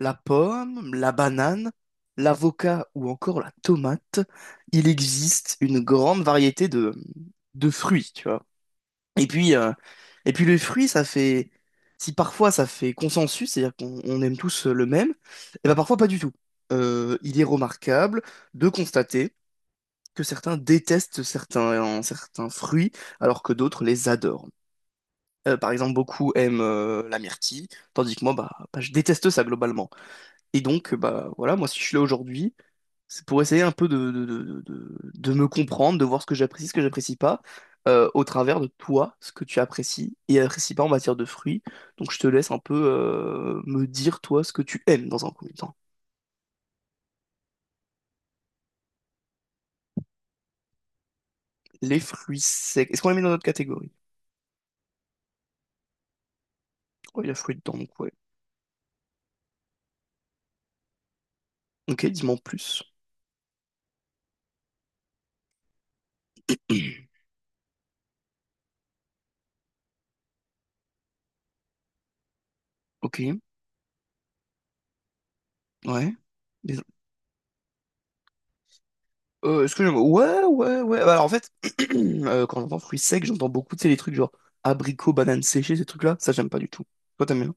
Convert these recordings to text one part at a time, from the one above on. La pomme, la banane, l'avocat ou encore la tomate, il existe une grande variété de fruits, tu vois. Et puis, euh, et puis le fruit, ça fait, si parfois ça fait consensus, c'est-à-dire qu'on on aime tous le même, et ben parfois pas du tout. Il est remarquable de constater que certains détestent certains fruits, alors que d'autres les adorent. Par exemple, beaucoup aiment la myrtille, tandis que moi, bah, je déteste ça globalement. Et donc, bah voilà, moi si je suis là aujourd'hui, c'est pour essayer un peu de me comprendre, de voir ce que j'apprécie pas, au travers de toi, ce que tu apprécies et apprécies pas en matière de fruits. Donc je te laisse un peu me dire toi ce que tu aimes dans un premier temps. Les fruits secs. Est-ce qu'on les met dans notre catégorie? Oh, il y a fruits dedans, donc ouais. Ok, dis-moi en plus. Ok, ouais. Les- Est-ce que j'aime? Ouais, ouais, ouais. Bah, alors en fait, quand j'entends fruits secs, j'entends beaucoup, tu sais, les trucs genre abricots, bananes séchées, ces trucs-là. Ça, j'aime pas du tout. Toi, t'aimes bien?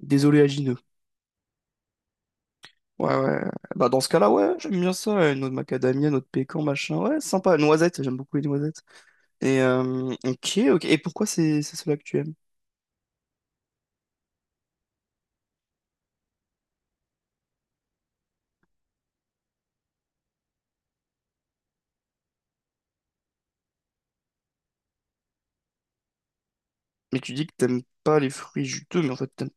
Des oléagineux. Ouais, ouais. Bah dans ce cas-là, ouais, j'aime bien ça. Euh, noix de macadamia, noix de pécan, machin. Ouais, sympa. Noisettes, j'aime beaucoup les noisettes. Et ok, ok. Et pourquoi c'est cela que tu aimes? Mais tu dis que t'aimes pas les fruits juteux, mais en fait, t'aimes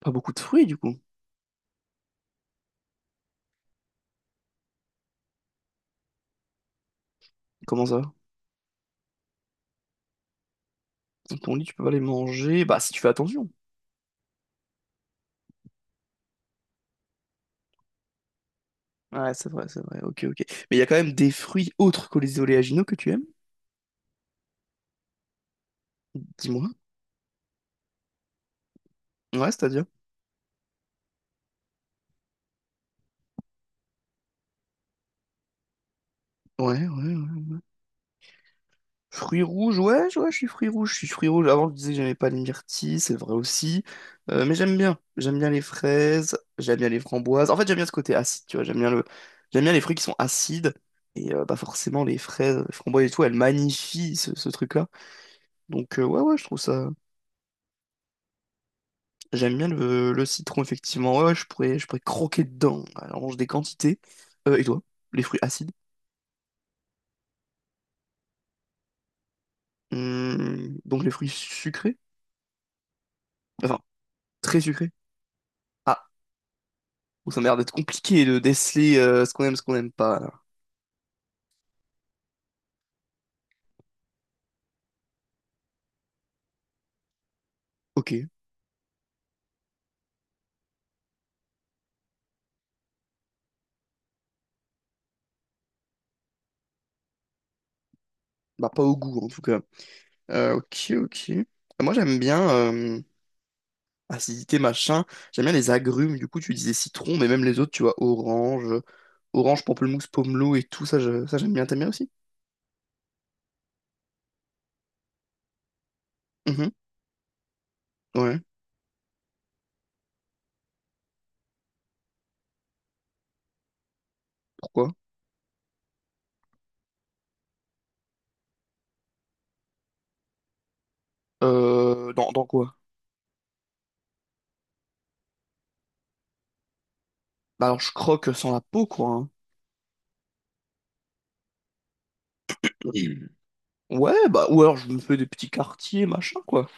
pas beaucoup de fruits, du coup. Comment ça? Dans ton lit, tu peux pas les manger. Bah, si tu fais attention. Ouais, c'est vrai, c'est vrai. Ok, ok. Mais il y a quand même des fruits autres que les oléagineux que tu aimes. Dis-moi. Ouais, c'est-à-dire? Ouais, ouais, ouais. Fruits rouges, ouais, ouais, je suis fruits rouges, je suis fruits rouges. Avant, je disais que j'aimais pas les myrtilles, c'est vrai aussi. Mais j'aime bien. J'aime bien les fraises, j'aime bien les framboises. En fait, j'aime bien ce côté acide, tu vois. J'aime bien le... j'aime bien les fruits qui sont acides. Et bah forcément, les fraises, les framboises et tout, elles magnifient ce truc-là. Donc, ouais, ouais, je trouve ça. J'aime bien le citron, effectivement. Ouais, ouais, je pourrais croquer dedans. Alors, on mange des quantités. Et toi, les fruits acides? Donc, les fruits sucrés? Enfin, très sucrés. Ah, oh, ça m'a l'air d'être compliqué de déceler ce qu'on aime, ce qu'on n'aime pas. Là. Ok, bah pas au goût en tout cas. Ok, ok. Moi j'aime bien acidité machin. J'aime bien les agrumes. Du coup tu disais citron, mais même les autres, tu vois, orange, pamplemousse, pomelo et tout ça, ça j'aime bien. T'aimes bien aussi? Mhm. Ouais. Pourquoi? Dans quoi? Bah alors je croque sans la peau quoi. Hein. Mm. Ouais, bah ou alors je me fais des petits quartiers machin quoi.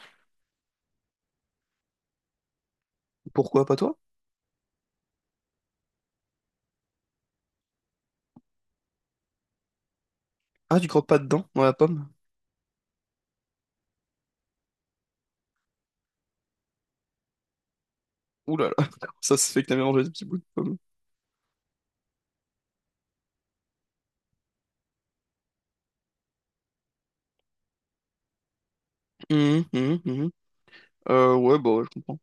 Pourquoi pas toi? Ah tu croques pas dedans dans la pomme? Ouh là là, ça se fait que t'as mélangé des petits bouts de pomme. Mhm, mhm, mhm. Ouais, bah ouais, je comprends.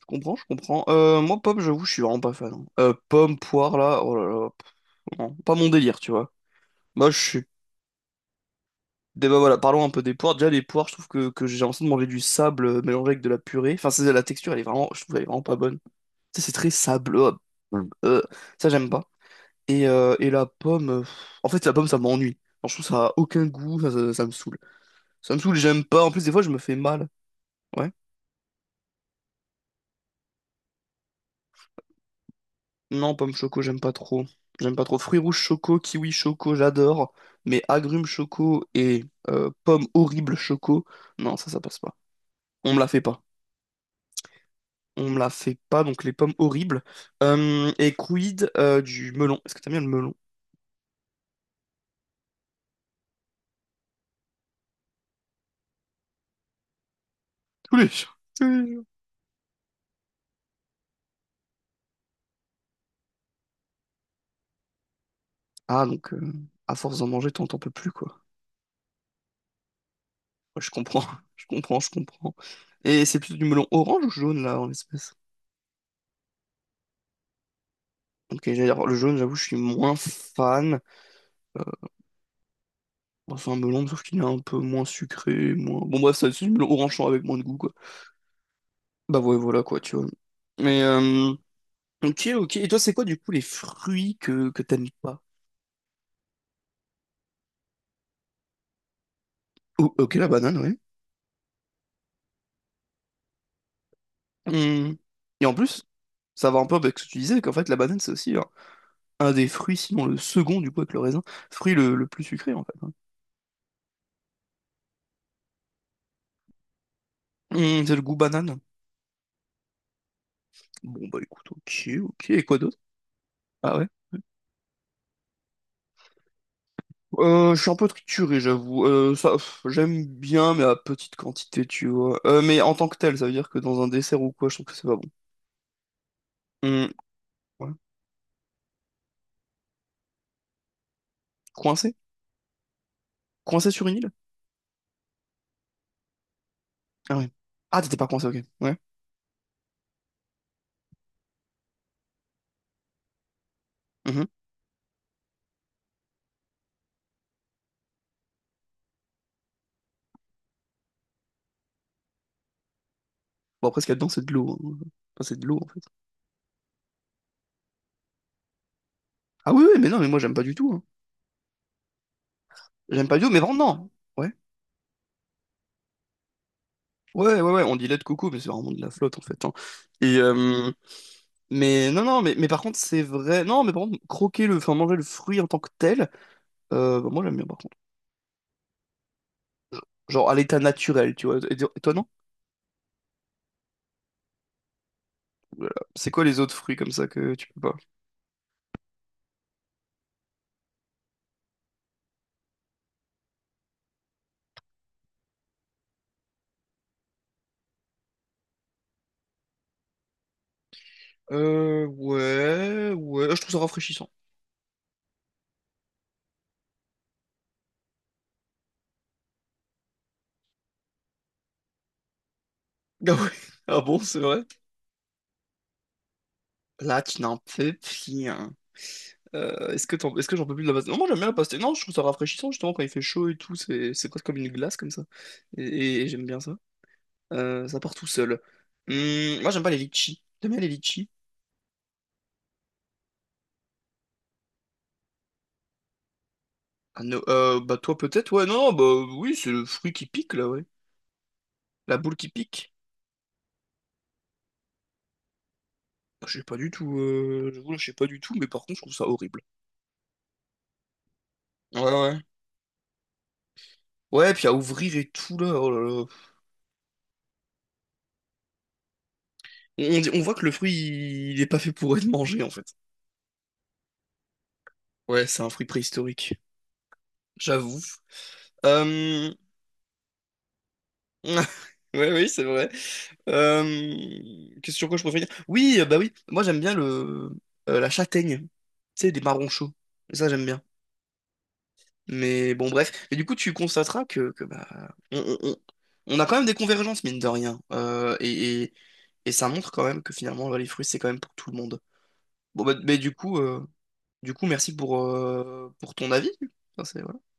Je comprends, je comprends. Moi, pomme, j'avoue, je suis vraiment pas fan. Hein. Pomme, poire, là, oh là là, pff, non, pas mon délire, tu vois. Moi, je suis... bah, voilà, parlons un peu des poires. Déjà, les poires, je trouve que j'ai l'impression de manger du sable mélangé avec de la purée. Enfin, c'est la texture, elle est vraiment... Je trouve elle est vraiment pas bonne. Tu sais, c'est très sableux. Euh, ça, j'aime pas. Et la pomme... pff, en fait, la pomme, ça m'ennuie. Genre, je trouve ça a aucun goût, ça me saoule. Ça me saoule, j'aime pas. En plus, des fois, je me fais mal. Ouais. Non, pomme choco, j'aime pas trop. J'aime pas trop. Fruits rouges choco, kiwi choco, j'adore. Mais agrumes choco et pommes horribles choco, non, ça passe pas. On me la fait pas. On me la fait pas, donc les pommes horribles. Et quid du melon? Est-ce que t'aimes bien le melon? Tous les jours. Tous les jours. Ah, donc, à force d'en manger, t'en peux plus, quoi. Ouais, je comprends, je comprends, je comprends. Et c'est plutôt du melon orange ou jaune, là, en l'espèce? Ok, j'allais dire, le jaune, j'avoue, je suis moins fan. Bon, c'est un melon, sauf qu'il est un peu moins sucré, moins... Bon bref, ça, c'est du melon orange avec moins de goût, quoi. Bah ouais, voilà, quoi, tu vois. Mais, ok, ok. Et toi, c'est quoi, du coup, les fruits que t'aimes pas? Oh, ok, la banane, oui. Hum. Et en plus, ça va un peu avec ce que tu disais, qu'en fait, la banane, c'est aussi genre, un des fruits, sinon le second, du coup, avec le raisin, fruit le plus sucré, en fait. Hein. C'est le goût banane. Bon, bah écoute, ok, ok. Et quoi d'autre? Ah ouais? Je suis un peu trituré, j'avoue. Ça, pff, j'aime bien, mais à petite quantité, tu vois. Mais en tant que tel, ça veut dire que dans un dessert ou quoi, je trouve que c'est pas bon. Hum, ouais. Coincé? Coincé sur une île? Ah ouais. Ah, t'étais pas coincé, ok. Ouais. Mhm. Bon, après, ce qu'il y a dedans, c'est de l'eau. Hein. Enfin, c'est de l'eau, en fait. Ah oui, oui, mais non, mais moi, j'aime pas du tout. Hein. J'aime pas du tout, mais vraiment, non. Ouais. Ouais, ouais, ouais, on dit lait de coco, mais c'est vraiment de la flotte, en fait. Hein. Et, mais non, non, mais par contre, c'est vrai. Non, mais par contre, croquer le, enfin, manger le fruit en tant que tel, bah, moi, j'aime bien, par contre. Genre à l'état naturel, tu vois. Et toi, non? Voilà. C'est quoi les autres fruits comme ça que tu peux pas? Ouais, ouais, je trouve ça rafraîchissant. Ah ouais, ah bon, c'est vrai. Là, tu n'en peux plus. Hein. Est-ce que j'en peux plus de la pastèque? Non, moi j'aime bien la pastèque. Non, je trouve ça rafraîchissant justement quand il fait chaud et tout. C'est presque comme une glace comme ça. Et j'aime bien ça. Ça part tout seul. Moi j'aime pas les litchis. T'aimes bien les litchis? Ah, non, bah toi peut-être, ouais, non, bah oui, c'est le fruit qui pique là, ouais. La boule qui pique. Bah, je sais pas du tout, j'avoue, là, je sais pas du tout, mais par contre, je trouve ça horrible. Ouais, ouais. Ouais, puis à ouvrir et tout, là, oh là là. On, on voit que le fruit, il est pas fait pour être mangé, en fait. Ouais, c'est un fruit préhistorique. J'avoue. Euh... Ouais, oui, c'est vrai. Euh... Qu'est-ce sur quoi je préfère dire? Oui, bah oui, moi j'aime bien le la châtaigne, tu sais, des marrons chauds. Ça, j'aime bien. Mais bon, bref. Mais du coup, tu constateras que, bah, on a quand même des convergences, mine de rien. Et ça montre quand même que finalement, là, les fruits, c'est quand même pour tout le monde. Bon, bah, mais du coup, merci pour ton avis. Enfin, c'est-